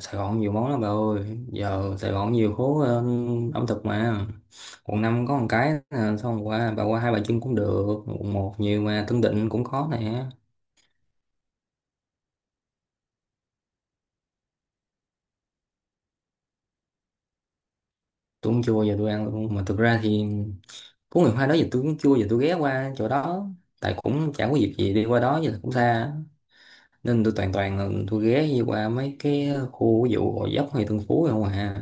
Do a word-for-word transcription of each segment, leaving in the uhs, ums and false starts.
Sài Gòn nhiều món lắm bà ơi, giờ Sài Gòn nhiều phố ờ, ẩm thực mà. Quận năm có một cái nè, xong qua bà qua Hai Bà Trưng cũng được. Quận một nhiều mà Tân Định cũng có nè. Tôi cũng chưa bao giờ tôi ăn luôn mà thực ra thì có ngày hoa đó giờ tôi cũng chưa bao giờ tôi ghé qua chỗ đó, tại cũng chẳng có dịp gì đi qua đó giờ cũng xa, nên tôi toàn toàn là tôi ghé đi qua mấy cái khu ví dụ Gò Vấp hay Tân Phú không à.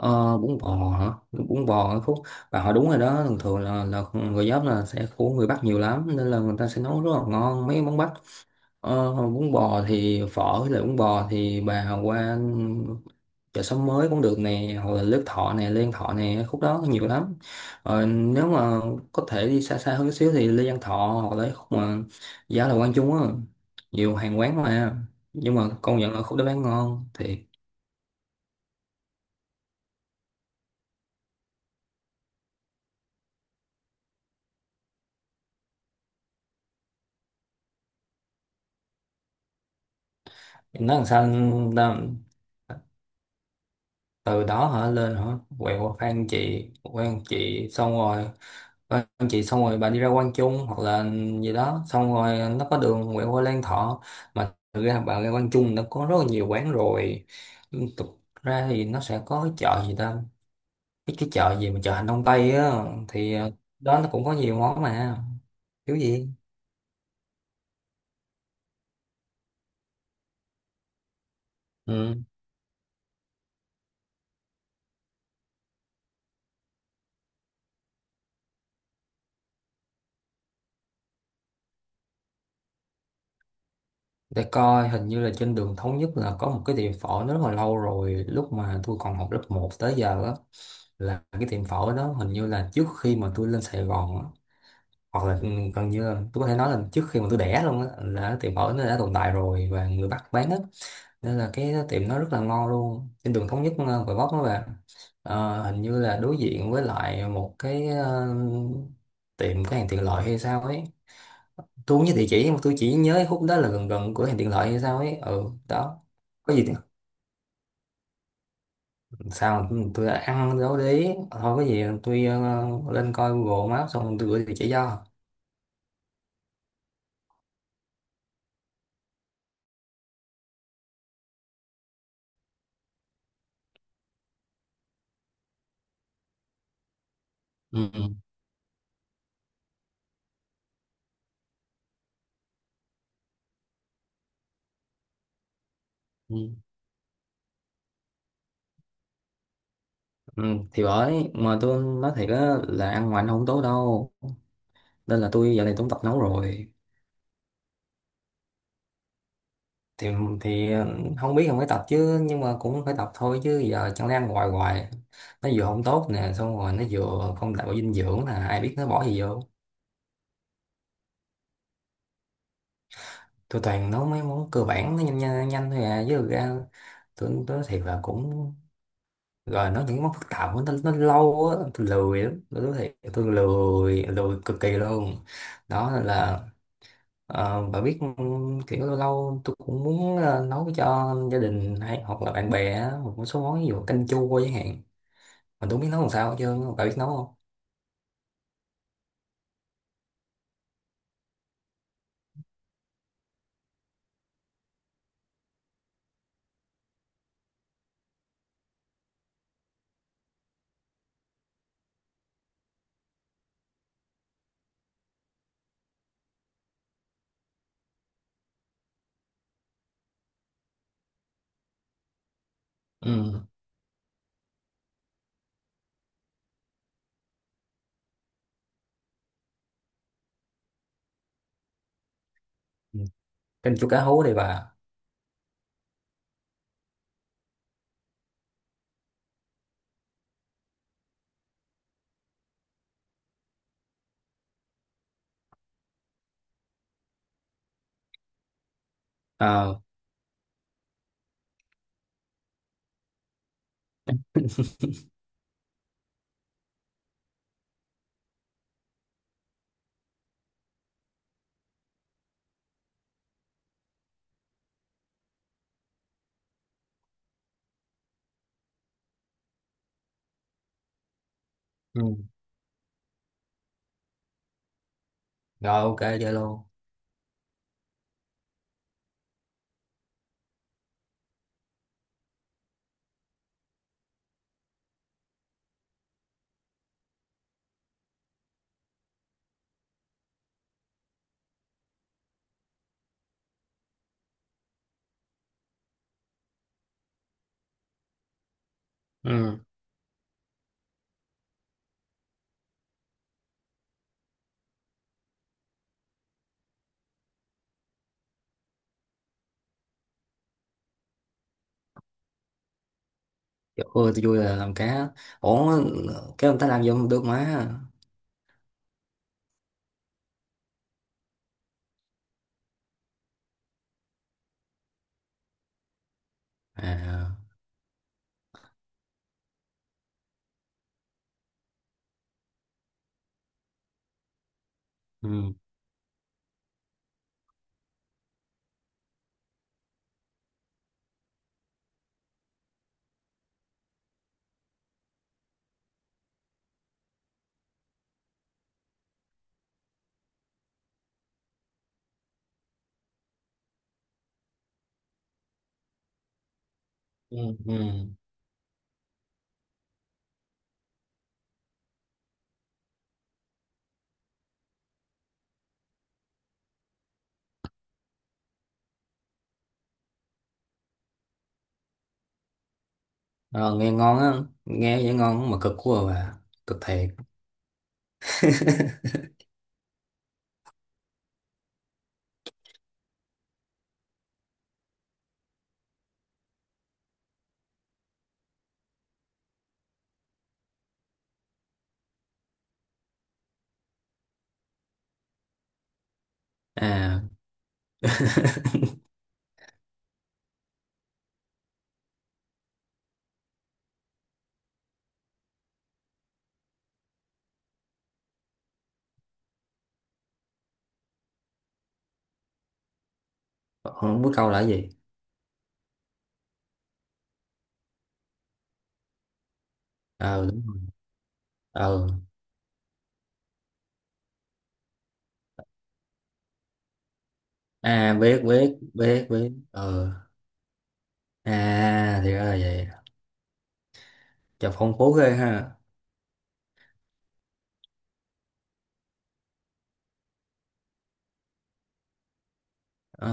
Ờ, Bún bò hả? Bún bò ở khúc bà hỏi đúng rồi đó, thường thường là là người giáp là sẽ của người Bắc nhiều lắm nên là người ta sẽ nấu rất là ngon mấy món Bắc. Ờ, bún bò thì phở với lại bún bò thì bà qua chợ xóm mới cũng được nè, hoặc là Đức Thọ nè, Lê Văn Thọ nè, khúc đó có nhiều lắm. Ờ, nếu mà có thể đi xa xa hơn xíu thì Lê Văn Thọ hoặc là khúc mà giá là Quang Trung á, nhiều hàng quán mà nhưng mà công nhận là khúc đó bán ngon thì nó làm sao ta, từ đó hả lên hả quẹo qua Phan Chị quan Chị xong rồi Phan Chị xong rồi bà đi ra Quang Trung hoặc là gì đó xong rồi nó có đường quẹo qua Lan Thọ. Mà thực ra bà ra Quang Trung nó có rất là nhiều quán rồi. Thực ra thì nó sẽ có cái chợ gì ta, cái, cái chợ gì mà chợ Hành Đông Tây á. Thì ờ, đó nó cũng có nhiều món mà, thiếu gì. Ừ. Để coi, hình như là trên đường Thống Nhất là có một cái tiệm phở, nó rất là lâu rồi, lúc mà tôi còn học lớp một tới giờ á, là cái tiệm phổi đó hình như là trước khi mà tôi lên Sài Gòn á, hoặc là ừ, gần như là tôi có thể nói là trước khi mà tôi đẻ luôn á là cái tiệm phổi nó đã tồn tại rồi và người Bắc bán á, nên là cái tiệm nó rất là ngon luôn, trên đường Thống Nhất, ờ, Gò Vấp đó bạn. Ờ, hình như là đối diện với lại một cái ờ, tiệm cái hàng tiện lợi hay sao ấy, tôi không nhớ địa chỉ nhưng mà tôi chỉ nhớ khúc đó là gần gần cửa hàng tiện lợi hay sao ấy, ừ đó. Có gì sao, tôi đã ăn dấu đấy thôi, cái gì tôi ờ, lên coi Google Maps xong tôi gửi địa chỉ cho. Ừ, ừ, ừ. Ừ, thì bởi mà tôi nói thiệt á là ăn ngoài nó không tốt đâu, nên là tôi giờ này cũng tập nấu rồi. Thì thì ờ, không biết không phải tập chứ nhưng mà cũng phải tập thôi chứ giờ chẳng lẽ ăn hoài hoài, nó vừa không tốt nè xong rồi nó vừa không đảm bảo dinh dưỡng, là ai biết nó bỏ gì vô. Tôi toàn nấu mấy món cơ bản nó nhanh nhanh, nhanh thôi à, chứ thực ra tôi tôi nói thiệt là cũng rồi nó những món phức tạp quá, nó, nó lâu á, tôi lười lắm, tôi nói thiệt, tôi lười lười cực kỳ luôn. Đó nên là ờ, bà biết, kiểu lâu lâu tôi cũng muốn ờ, nấu cho gia đình hay hoặc là bạn bè á, một số món ví dụ canh chua chẳng hạn. Mà tôi không biết nấu làm sao hết trơn á. Bà biết nấu không? Ừ. Ừ. Canh chua cá hú đi bà. Ờ. Ừ. Rồi, ok, chơi luôn. Ừ. Trời ơi, tôi vui là làm cá. Ủa cái người ta làm vô không được mà. À. Ừ. Ừ. Ừ. Ờ, nghe ngon á, nghe vậy ngon mà cực quá à bà, cực thiệt. À, không biết câu là cái gì? Ờ, đúng. Ờ. À, biết biết biết biết. Ờ. À, thì ra là vậy. Chà, phong phú ghê ha. Ờ,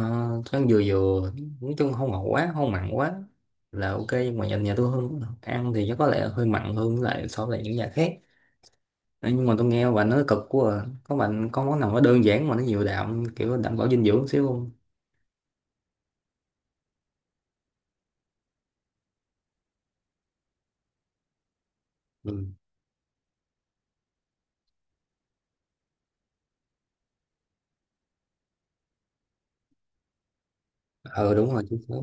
ăn vừa vừa, nói chung không ngọt quá, không mặn quá là ok, nhưng mà nhà, nhà tôi hơn ăn thì chắc có lẽ hơi mặn hơn với lại so với lại những nhà khác. Ờ. Nhưng mà tôi nghe bà nói cực quá à. Có bạn có món nào nó đơn giản mà nó nhiều đạm kiểu đảm bảo dinh dưỡng xíu không? Ừ, ừ, đúng rồi, chính xác.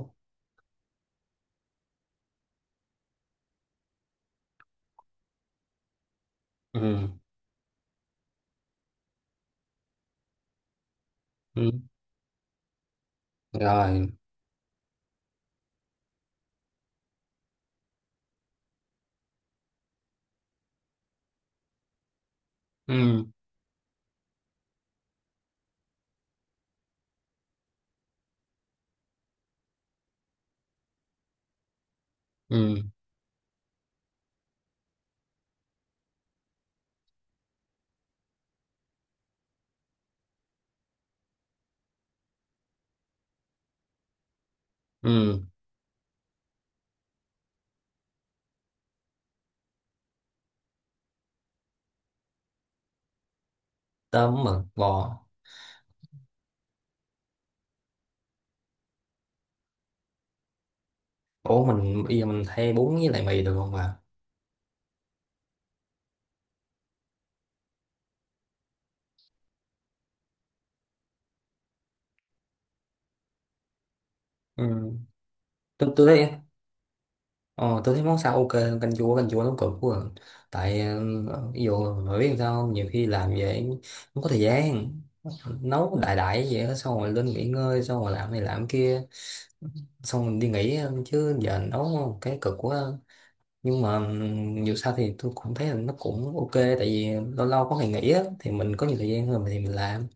Ừ. Ừ. Rồi. Ừ. Ừ. Ừ. Tôm mực bò. Ủa mình bây giờ mình thay bún với lại mì được không à? Ừ. tôi tôi thấy ờ, tôi thấy món sao ok hơn canh chua. Canh chua nó cực quá à. Tại ờ, ví dụ mà biết sao không? Nhiều khi làm vậy không có thời gian, nấu đại đại vậy đó, xong rồi lên nghỉ ngơi xong rồi làm này làm kia, xong rồi đi nghỉ, ờ, chứ giờ nấu cái cực quá à. Nhưng mà ừm, dù sao thì tôi cũng thấy là nó cũng ok, tại vì lâu lâu có ngày nghỉ á thì mình có nhiều thời gian hơn thì mình làm.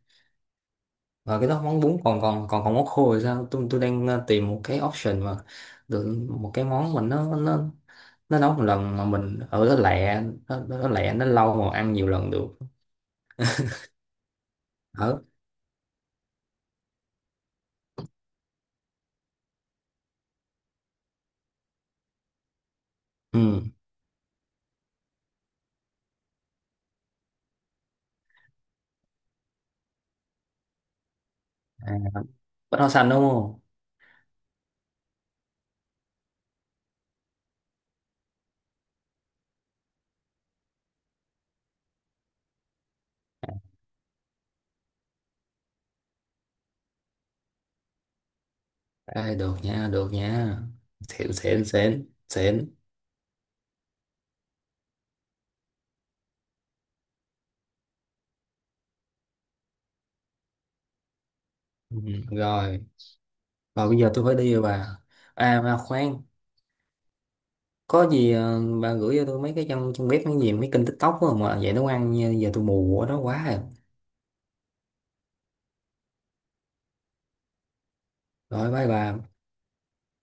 Và cái đó món bún, còn còn còn còn món khô thì sao? Tôi tôi đang ờ, tìm một cái option mà được một cái món mình nó nó nó nấu một lần mà mình ở đó lẹ, nó, nó nó lẹ nó lâu mà ăn nhiều lần được. Ở. Ừ. À, bánh hoa xanh đúng không? Ê, được nha, được nha. Xịn xịn xịn xịn. Ừ. Rồi và bây giờ tôi phải đi rồi bà. À mà khoan, có gì ờ, bà gửi cho tôi mấy cái trong trong bếp mấy gì mấy kênh TikTok á mà vậy nấu ăn, giờ tôi mù ở đó quá rồi. Rồi, bye bà.